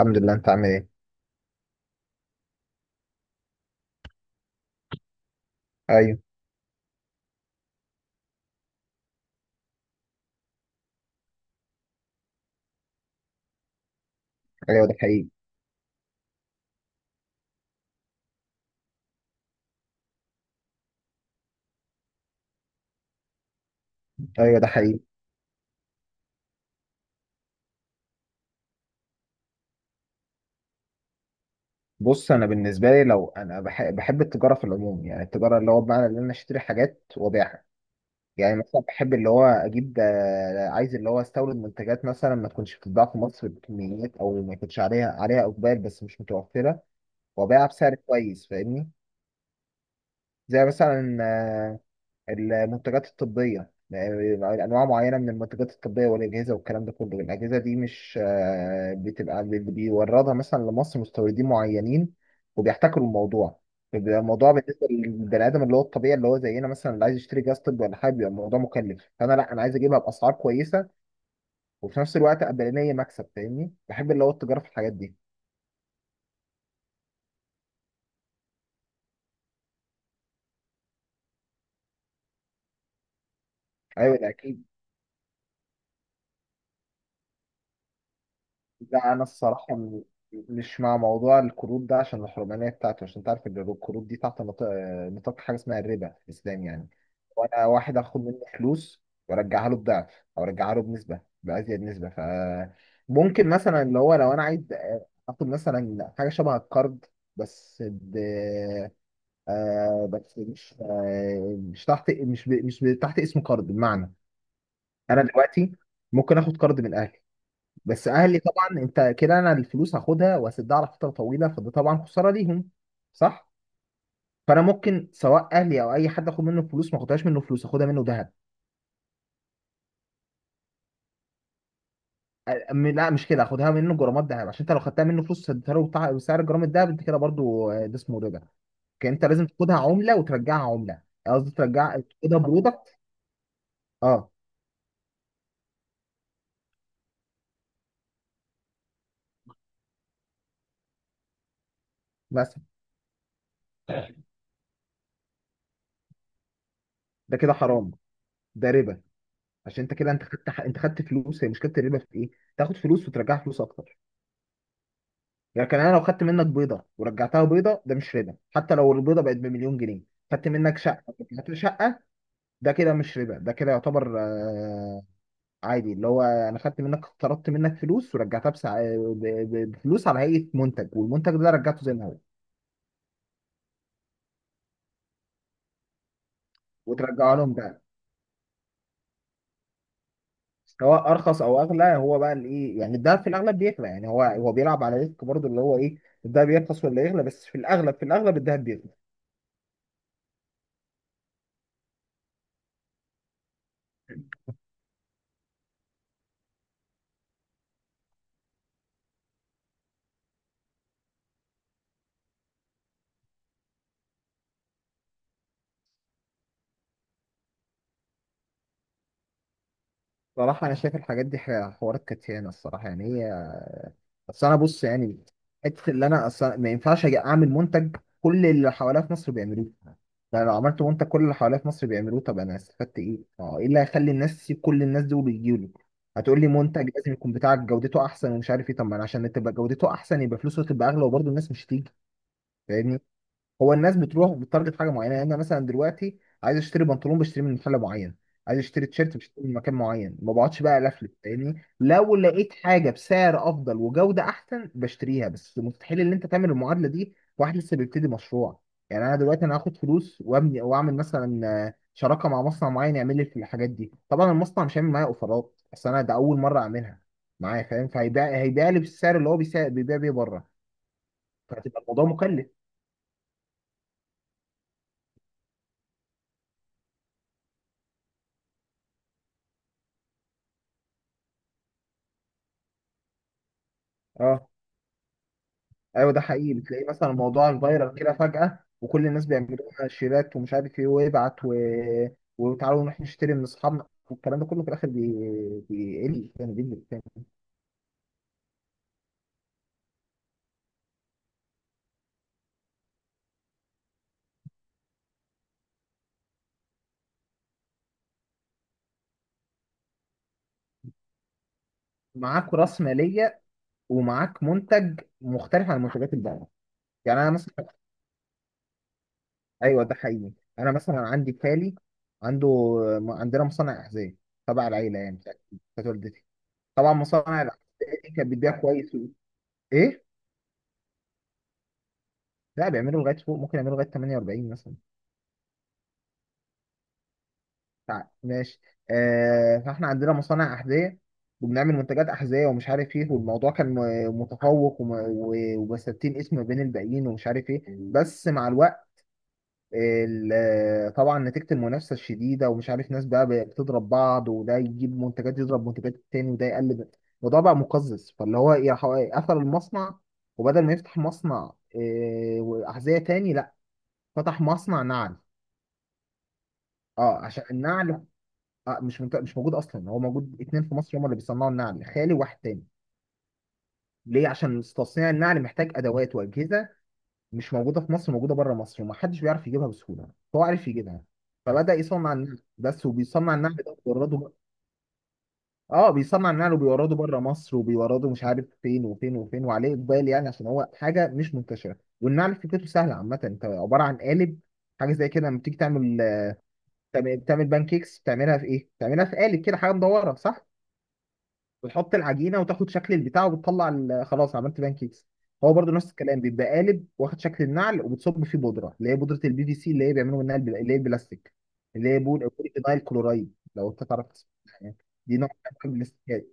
الحمد لله، انت عامل ايه؟ ايوه. ايوه ده حقيقي. ايوه ده حقيقي. بص، انا بالنسبه لي لو انا بحب التجاره في العموم، يعني التجاره اللي هو بمعنى ان انا اشتري حاجات وابيعها. يعني مثلا بحب اللي هو اجيب عايز اللي هو استورد منتجات مثلا ما تكونش بتتباع في مصر بكميات او ما يكونش عليها اقبال بس مش متوفره، وابيعها بسعر كويس، فاهمني. زي مثلا المنتجات الطبية، يعني أنواع معينة من المنتجات الطبية والأجهزة والكلام ده كله. الأجهزة دي مش آه، بتبقى اللي بيوردها مثلا لمصر مستوردين معينين وبيحتكروا الموضوع. بيبقى الموضوع بالنسبة للبني آدم اللي هو الطبيعي اللي هو زينا مثلا، اللي عايز يشتري جهاز طبي ولا حاجة بيبقى الموضوع مكلف، فأنا لأ، أنا عايز أجيبها بأسعار كويسة وفي نفس الوقت أبقى ليا مكسب، فاهمني. بحب اللي هو التجارة في الحاجات دي. أيوة ده أكيد. لا انا الصراحه مش مع موضوع القروض ده، عشان الحرمانيه بتاعته، عشان تعرف ان القروض دي تحت نطاق حاجه اسمها الربا في الاسلام يعني. وانا واحد اخد منه فلوس وارجعها له بضعف، او ارجعها له بنسبه بازيد نسبه، ف ممكن مثلا اللي هو لو انا عايز اخد مثلا حاجه شبه القرض، بس ب آه بس مش آه مش تحت مش ب... مش ب... تحت اسم قرض. بمعنى انا دلوقتي ممكن اخد قرض من اهلي، بس اهلي طبعا انت كده انا الفلوس هاخدها واسدها على فتره طويله، فده طبعا خساره ليهم، صح. فانا ممكن سواء اهلي او اي حد اخد منه فلوس، ما اخدهاش منه فلوس، اخدها منه ذهب. لا مش كده، اخدها منه جرامات ذهب، عشان انت لو خدتها منه فلوس سدتها له بسعر جرام الذهب انت كده برضو ده اسمه ربا. كان انت لازم تاخدها عمله وترجعها عمله، قصدي ترجع تاخدها برودكت. اه، مثلا. ده كده حرام. ده ربا، عشان انت كده انت خدت، انت خدت فلوس. هي مشكله الربا في ايه؟ تاخد فلوس وترجعها فلوس اكتر. لكن انا لو خدت منك بيضه ورجعتها بيضه ده مش ربا، حتى لو البيضه بقت بمليون جنيه. خدت منك شقه ورجعتها شقه، ده كده مش ربا، ده كده يعتبر آه عادي. اللي هو انا خدت منك، طردت منك فلوس ورجعتها بفلوس على هيئه منتج، والمنتج ده رجعته زي ما هو، وترجعه لهم بقى. سواء ارخص او اغلى، هو بقى الايه، يعني الدهب في الاغلب بيغلى، يعني هو هو بيلعب على ريسك برضه، اللي هو ايه الدهب يرخص ولا يغلى، بس في الاغلب، الدهب بيغلى. صراحة أنا شايف الحاجات دي حوارات كتيانة الصراحة، يعني هي، بس انا بص يعني، حته اللي انا اصلا ما ينفعش اجي اعمل منتج كل اللي حواليا في مصر بيعملوه. يعني لو عملت منتج كل اللي حواليا في مصر بيعملوه، طب انا استفدت ايه؟ ما هو ايه اللي هيخلي الناس تسيب كل الناس دول ويجيوا لي؟ هتقول لي منتج لازم يكون بتاعك جودته احسن ومش عارف ايه، طب ما انا عشان تبقى جودته احسن يبقى فلوسه تبقى اغلى وبرضه الناس مش هتيجي، فاهمني؟ هو الناس بتروح بتارجت حاجه معينه، يعني انا مثلا دلوقتي عايز اشتري بنطلون بشتري من محل معين، عايز اشتري تيشيرت بشتري من مكان معين، ما بقعدش بقى الفلف، فاهمني. لو لقيت حاجه بسعر افضل وجوده احسن بشتريها، بس مستحيل ان انت تعمل المعادله دي واحد لسه بيبتدي مشروع. يعني انا دلوقتي انا هاخد فلوس وابني واعمل مثلا شراكه مع مصنع معين يعمل لي في الحاجات دي، طبعا المصنع مش هيعمل معايا اوفرات، بس انا ده اول مره اعملها معايا، فاهم، هيبيع لي بالسعر اللي هو بيبيع بيه بره، فهتبقى الموضوع مكلف. اه. ايوه ده حقيقي، بتلاقيه مثلا الموضوع فايرال كده فجأة وكل الناس بيعملوا لها شيرات ومش عارف ايه ويبعت و... وتعالوا نروح نشتري من اصحابنا والكلام ده كله، في الاخر بيقل، يعني بيقل تاني. معاك راس ماليه ومعاك منتج مختلف عن منتجات الباقيه. يعني انا مثلا ايوه ده حقيقي. انا مثلا عندي خالي، عنده عندنا مصنع احذيه تبع العيله، يعني بتاعت والدتي. طبعا مصانع الاحذيه دي كانت بتبيع كويس. ايه؟ لا بيعملوا لغايه فوق، ممكن يعملوا لغايه 48 مثلا. ماشي. آه، فاحنا عندنا مصانع أحذية وبنعمل منتجات أحذية ومش عارف إيه، والموضوع كان متفوق ومثبتين اسم بين الباقيين ومش عارف إيه، بس مع الوقت طبعا نتيجة المنافسة الشديدة ومش عارف، ناس بقى بتضرب بعض، وده يجيب منتجات يضرب منتجات التاني، وده يقلب الموضوع بقى مقزز، فاللي هو إيه قفل المصنع، وبدل ما يفتح مصنع وأحذية تاني، لا، فتح مصنع نعل. اه عشان النعل مش موجود اصلا، هو موجود اتنين في مصر هم اللي بيصنعوا النعل، خالي وواحد تاني. ليه؟ عشان تصنيع النعل محتاج ادوات واجهزه مش موجوده في مصر، موجوده بره مصر، ومحدش بيعرف يجيبها بسهوله، هو عارف يجيبها. فبدا يصنع النعل بس، وبيصنع النعل ده وبيورده بقى. اه بيصنع النعل وبيورده بره مصر، وبيورده مش عارف فين وفين وفين، وعليه اقبال يعني عشان هو حاجه مش منتشره. والنعل فكرته سهله عامه، انت عباره عن قالب، حاجه زي كده، لما بتيجي تعمل، بتعمل بان كيكس بتعملها في ايه؟ بتعملها في قالب كده حاجه مدوره، صح؟ بتحط العجينه وتاخد شكل البتاع وبتطلع خلاص عملت بان كيكس. هو برضو نفس الكلام، بيبقى قالب واخد شكل النعل، وبتصب فيه بودره اللي هي بودره البي في سي، اللي هي بيعملوا منها اللي هي البلاستيك، اللي هي بوليفينايل كلورايد لو انت تعرف تسمع يعني. دي نوع من أنواع البلاستيكات.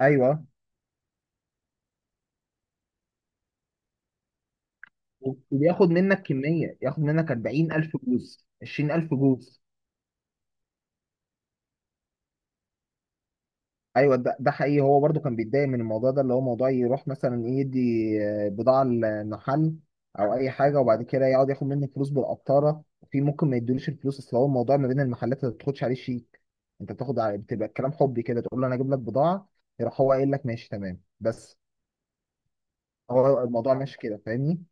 ايوه. وبياخد منك كميه، ياخد منك 40,000 جوز، 20,000 جوز. ايوه ده حقيقي، هو برضو كان بيتضايق من الموضوع ده، اللي هو موضوع يروح مثلا يدي بضاعه لمحل او اي حاجه وبعد كده يقعد ياخد منه فلوس بالقطاره، في ممكن ما يدوليش الفلوس، اصل هو الموضوع ما بين المحلات ما بتاخدش عليه شيك، انت بتاخد على، بتبقى الكلام حبي كده، تقول له انا اجيب لك بضاعه، يروح هو قايل لك ماشي تمام بس. هو الموضوع ماشي كده، فاهمني.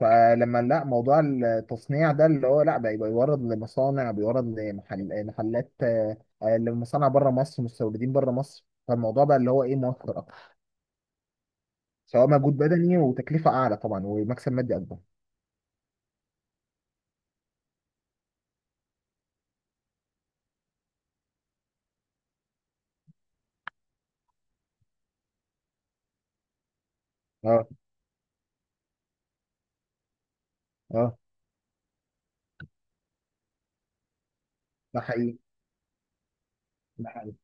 فلما لا، موضوع التصنيع ده اللي هو لا، بقى بيورد لمصانع، بيورد محلات لمصانع بره مصر، مستوردين بره مصر، فالموضوع بقى اللي هو ايه موفر اكتر، سواء مجهود بدني وتكلفه اعلى طبعا، ومكسب مادي اكبر. اه. اه ده حقيقي. ده حقيقي.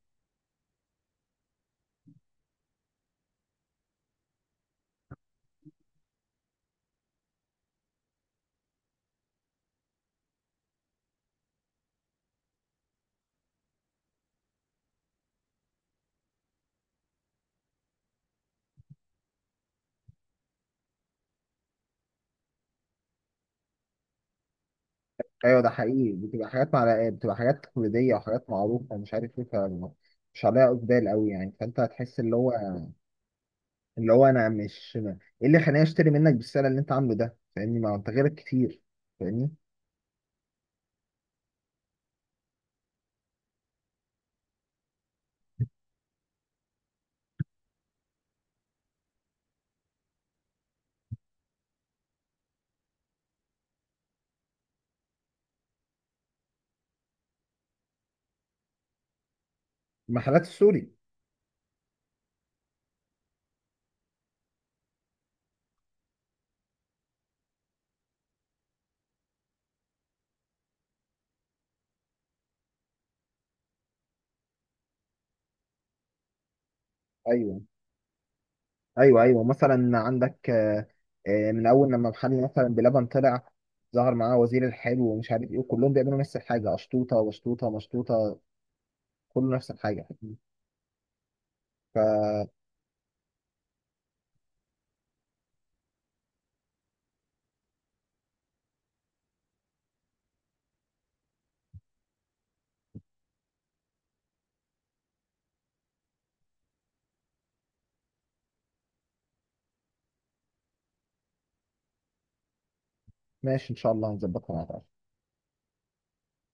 ايوه ده حقيقي، بتبقى حاجات، مع بتبقى حاجات تقليديه وحاجات معروفه ومش عارف ايه، فاهم. مش عليها اقبال قوي يعني، فانت هتحس اللي هو، اللي هو انا مش ايه اللي خلاني اشتري منك بالسعر اللي انت عامله ده، فاهمني، ما هو انت غيرك كتير، فاهمني. المحلات السوري. ايوه ايوه. ايوه مثلا عندك من اول لما محل مثلا بلبن طلع، ظهر معاه وزير الحلو ومش عارف ايه، وكلهم بيعملوا نفس الحاجه، اشطوطه وشطوطه مشطوطه، كله نفس الحاجه. فماشي، ان شاء الله هنظبطها مع بعض.